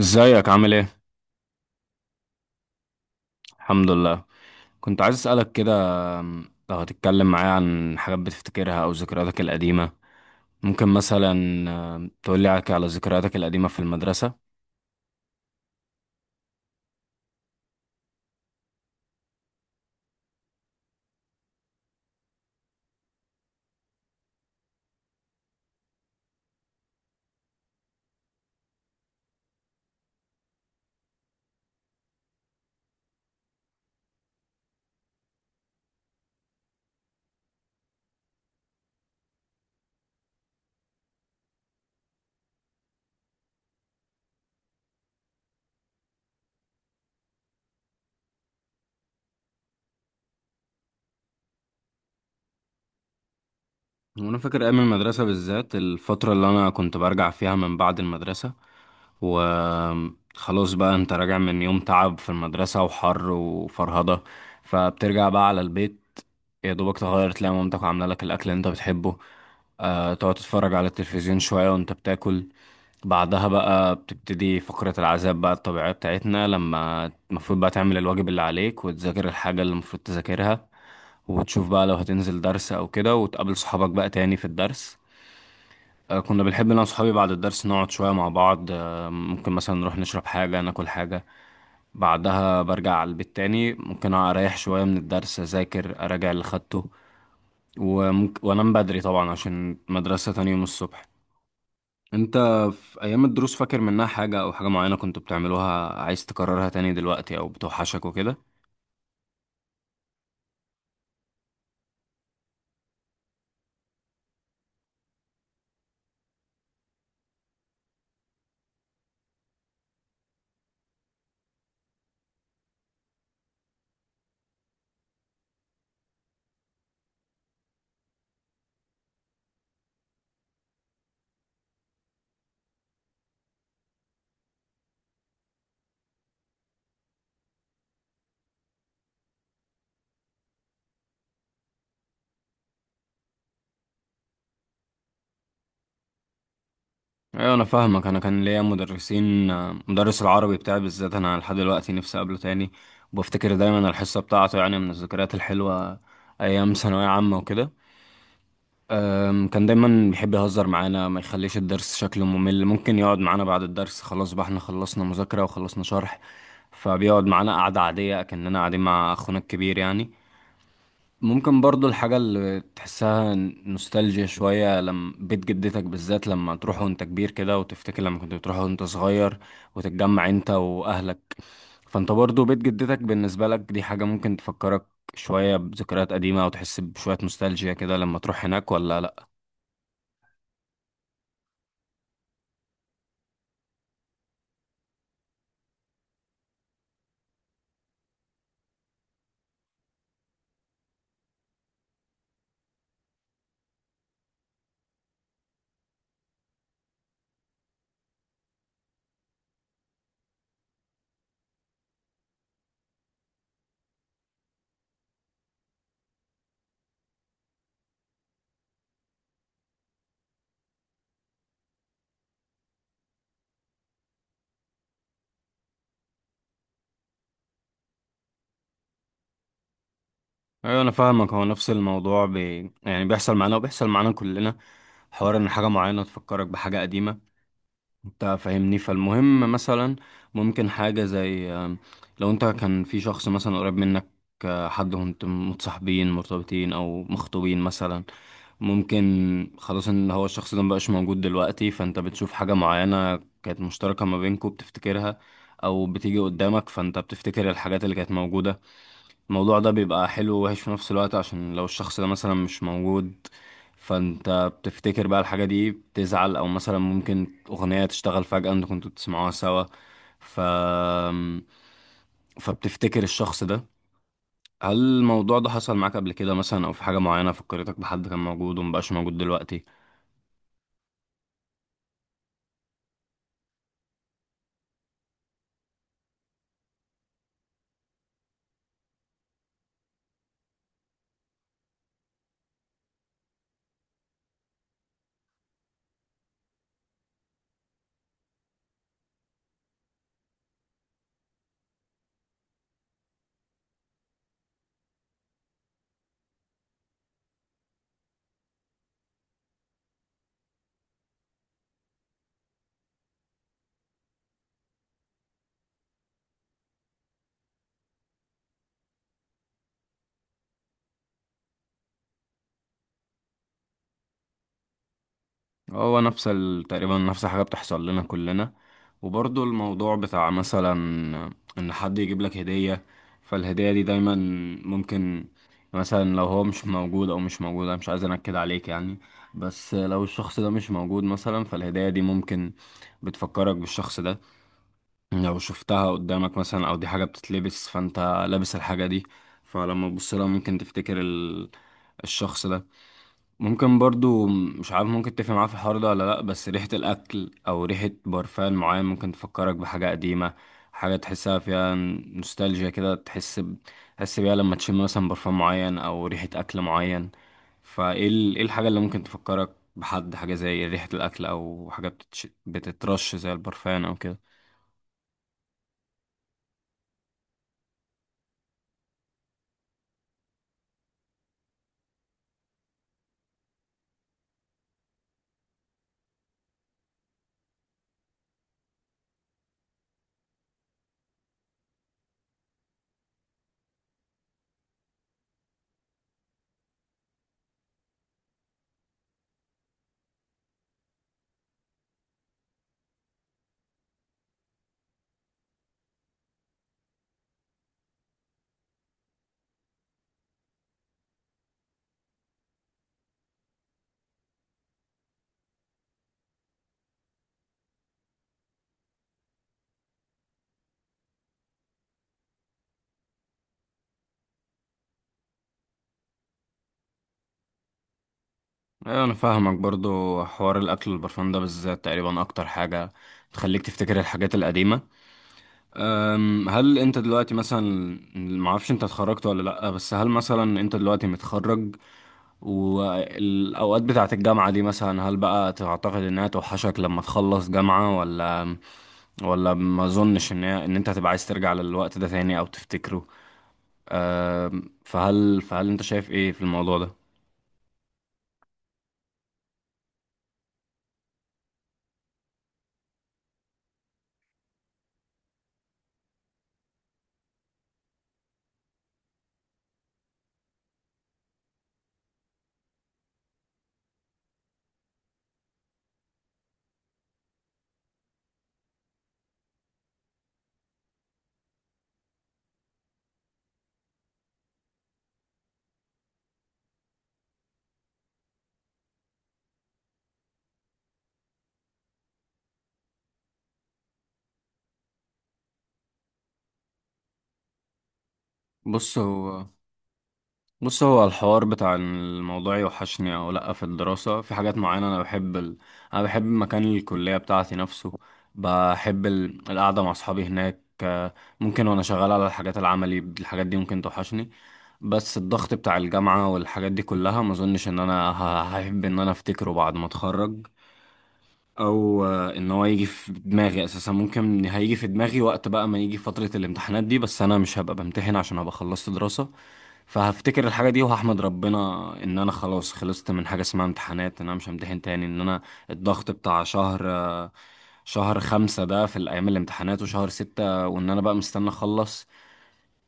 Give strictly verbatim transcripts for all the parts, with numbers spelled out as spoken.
ازيك عامل ايه؟ الحمد لله. كنت عايز اسألك كده. أم، لو هتتكلم معايا عن حاجات بتفتكرها او ذكرياتك القديمة، ممكن مثلا أم، تقولي على على ذكرياتك القديمة في المدرسة. وانا فاكر ايام المدرسه، بالذات الفتره اللي انا كنت برجع فيها من بعد المدرسه، وخلاص بقى انت راجع من يوم تعب في المدرسه وحر وفرهده، فبترجع بقى على البيت، يا دوبك تغير تلاقي مامتك عامله لك الاكل اللي انت بتحبه، أه تقعد تتفرج على التلفزيون شويه وانت بتاكل. بعدها بقى بتبتدي فقرة العذاب بقى الطبيعية بتاعتنا، لما المفروض بقى تعمل الواجب اللي عليك وتذاكر الحاجة اللي المفروض تذاكرها، وتشوف بقى لو هتنزل درس او كده وتقابل صحابك بقى تاني في الدرس. آه، كنا بنحب انا وصحابي بعد الدرس نقعد شوية مع بعض، آه، ممكن مثلا نروح نشرب حاجة ناكل حاجة. بعدها برجع على البيت تاني، ممكن اريح شوية من الدرس، اذاكر اراجع اللي خدته، وممكن وانام بدري طبعا عشان مدرسة تاني يوم الصبح. انت في ايام الدروس فاكر منها حاجة او حاجة معينة كنت بتعملوها عايز تكررها تاني دلوقتي او بتوحشك وكده؟ ايوه انا فاهمك. انا كان ليا مدرسين، مدرس العربي بتاعي بالذات انا لحد دلوقتي نفسي اقابله تاني، وبفتكر دايما الحصه بتاعته، يعني من الذكريات الحلوه ايام ثانويه عامه وكده. أم، كان دايما بيحب يهزر معانا، ما يخليش الدرس شكله ممل، ممكن يقعد معانا بعد الدرس خلاص بقى احنا خلصنا مذاكره وخلصنا شرح، فبيقعد معانا قعده عاديه كأننا قاعدين مع اخونا الكبير يعني. ممكن برضو الحاجة اللي تحسها نوستالجيا شوية لما بيت جدتك، بالذات لما تروح وانت كبير كده وتفتكر لما كنت بتروح وانت صغير وتتجمع انت واهلك. فانت برضو بيت جدتك بالنسبة لك دي حاجة ممكن تفكرك شوية بذكريات قديمة او تحس بشوية نوستالجيا كده لما تروح هناك ولا لا؟ ايوه انا فاهمك. هو نفس الموضوع بي... يعني بيحصل معانا وبيحصل معانا كلنا، حوار ان حاجة معينة تفكرك بحاجة قديمة، انت فاهمني. فالمهم مثلا ممكن حاجة زي آم، لو انت كان في شخص مثلا قريب منك، آه، حد وانت متصاحبين مرتبطين او مخطوبين مثلا، ممكن خلاص ان هو الشخص ده مبقاش موجود دلوقتي، فانت بتشوف حاجة معينة كانت مشتركة ما بينكوا بتفتكرها، او بتيجي قدامك فانت بتفتكر الحاجات اللي كانت موجودة. الموضوع ده بيبقى حلو ووحش في نفس الوقت، عشان لو الشخص ده مثلا مش موجود، فانت بتفتكر بقى الحاجة دي بتزعل، او مثلا ممكن اغنية تشتغل فجأة انتوا كنتوا بتسمعوها سوا، ف فبتفتكر الشخص ده. هل الموضوع ده حصل معاك قبل كده مثلا، او في حاجة معينة فكرتك بحد كان موجود ومبقاش موجود دلوقتي؟ هو نفس ال... تقريبا نفس الحاجة بتحصل لنا كلنا. وبرضو الموضوع بتاع مثلا إن حد يجيب لك هدية، فالهدية دي دايما ممكن مثلا، لو هو مش موجود، أو مش موجود، أنا مش عايز أنكد عليك يعني، بس لو الشخص ده مش موجود مثلا، فالهدية دي ممكن بتفكرك بالشخص ده. لو شفتها قدامك مثلا، أو دي حاجة بتتلبس فأنت لابس الحاجة دي، فلما تبص لها ممكن تفتكر ال... الشخص ده. ممكن برضو مش عارف ممكن تتفق معاه في الحوار ده ولا لأ، بس ريحة الأكل أو ريحة برفان معين ممكن تفكرك بحاجة قديمة، حاجة تحسها فيها نوستالجيا كده، تحس ب... تحس بيها لما تشم مثلا برفان معين أو ريحة أكل معين. فإيه ال... إيه الحاجة اللي ممكن تفكرك بحد، حاجة زي ريحة الأكل أو حاجة بتتش... بتترش زي البرفان أو كده؟ أيوة أنا فاهمك. برضو حوار الأكل والبرفان ده بالذات تقريبا أكتر حاجة تخليك تفتكر الحاجات القديمة. أم، هل انت دلوقتي مثلا، معرفش انت اتخرجت ولا لأ، بس هل مثلا انت دلوقتي متخرج والاوقات بتاعت الجامعة دي مثلا، هل بقى تعتقد انها توحشك لما تخلص جامعة ولا ولا ما اظنش ان هي- ان انت هتبقى عايز ترجع للوقت ده تاني او تفتكره؟ أم، فهل فهل انت شايف ايه في الموضوع ده؟ بص هو بص هو الحوار بتاع إن الموضوع يوحشني او لا في الدراسة، في حاجات معينة انا بحب ال... انا بحب مكان الكلية بتاعتي نفسه، بحب ال... القعدة مع اصحابي هناك، آه، ممكن وانا شغال على الحاجات العملي، الحاجات دي ممكن توحشني. بس الضغط بتاع الجامعة والحاجات دي كلها ما اظنش ان انا ه- هحب ان انا افتكره بعد ما اتخرج، او آه، ان هو يجي في دماغي اساسا. ممكن هيجي في دماغي وقت بقى ما يجي فترة الامتحانات دي، بس انا مش هبقى بمتحن عشان هبقى خلصت دراسة، فهفتكر الحاجة دي وهحمد ربنا ان انا خلاص خلصت من حاجة اسمها امتحانات، ان انا مش همتحن تاني، ان انا الضغط بتاع شهر آه، شهر خمسة ده في الايام الامتحانات وشهر ستة، وان انا بقى مستني اخلص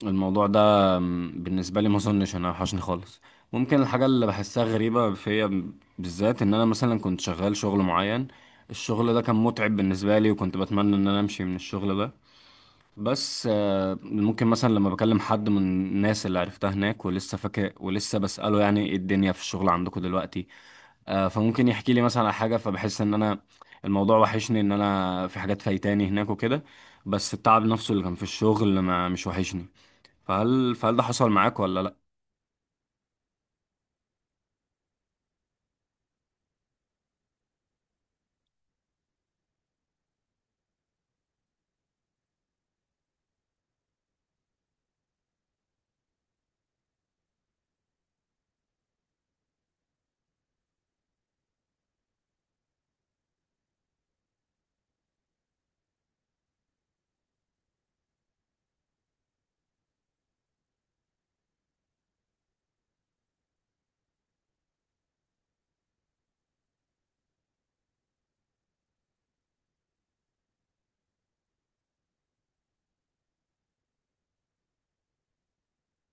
الموضوع ده. م، بالنسبة لي ما اظنش انا وحشني خالص. ممكن الحاجة اللي بحسها غريبة فيا بالذات ان انا مثلا كنت شغال شغل معين، الشغل ده كان متعب بالنسبة لي وكنت بتمنى ان انا امشي من الشغل ده، بس آه، ممكن مثلا لما بكلم حد من الناس اللي عرفتها هناك ولسه فاكر ولسه بسأله يعني ايه الدنيا في الشغل عندكم دلوقتي، آه، فممكن يحكي لي مثلا على حاجة، فبحس ان انا الموضوع وحشني، ان انا في حاجات فايتاني هناك وكده، بس التعب نفسه اللي كان في الشغل ما مش وحشني. فهل فهل ده حصل معاك ولا لا؟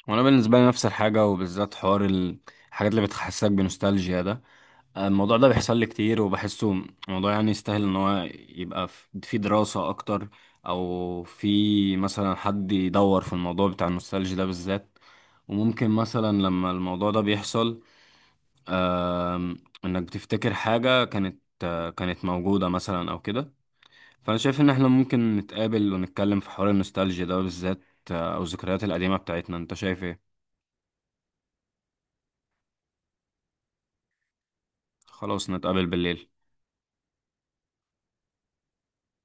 وانا بالنسبه لي نفس الحاجه، وبالذات حوار ال- الحاجات اللي بتحسسك بنوستالجيا ده. آه، الموضوع ده بيحصل لي كتير، وبحسه موضوع يعني يستاهل ان هو يبقى في في دراسه اكتر، او في مثلا حد يدور في الموضوع بتاع النوستالجيا ده بالذات. وممكن مثلا لما الموضوع ده بيحصل، آم، انك بتفتكر حاجه كانت آه، كانت موجوده مثلا او كده. فانا شايف ان احنا ممكن نتقابل ونتكلم في حوار النوستالجيا ده بالذات، آه، او الذكريات القديمه بتاعتنا. انت شايف ايه؟ خلاص نتقابل بالليل.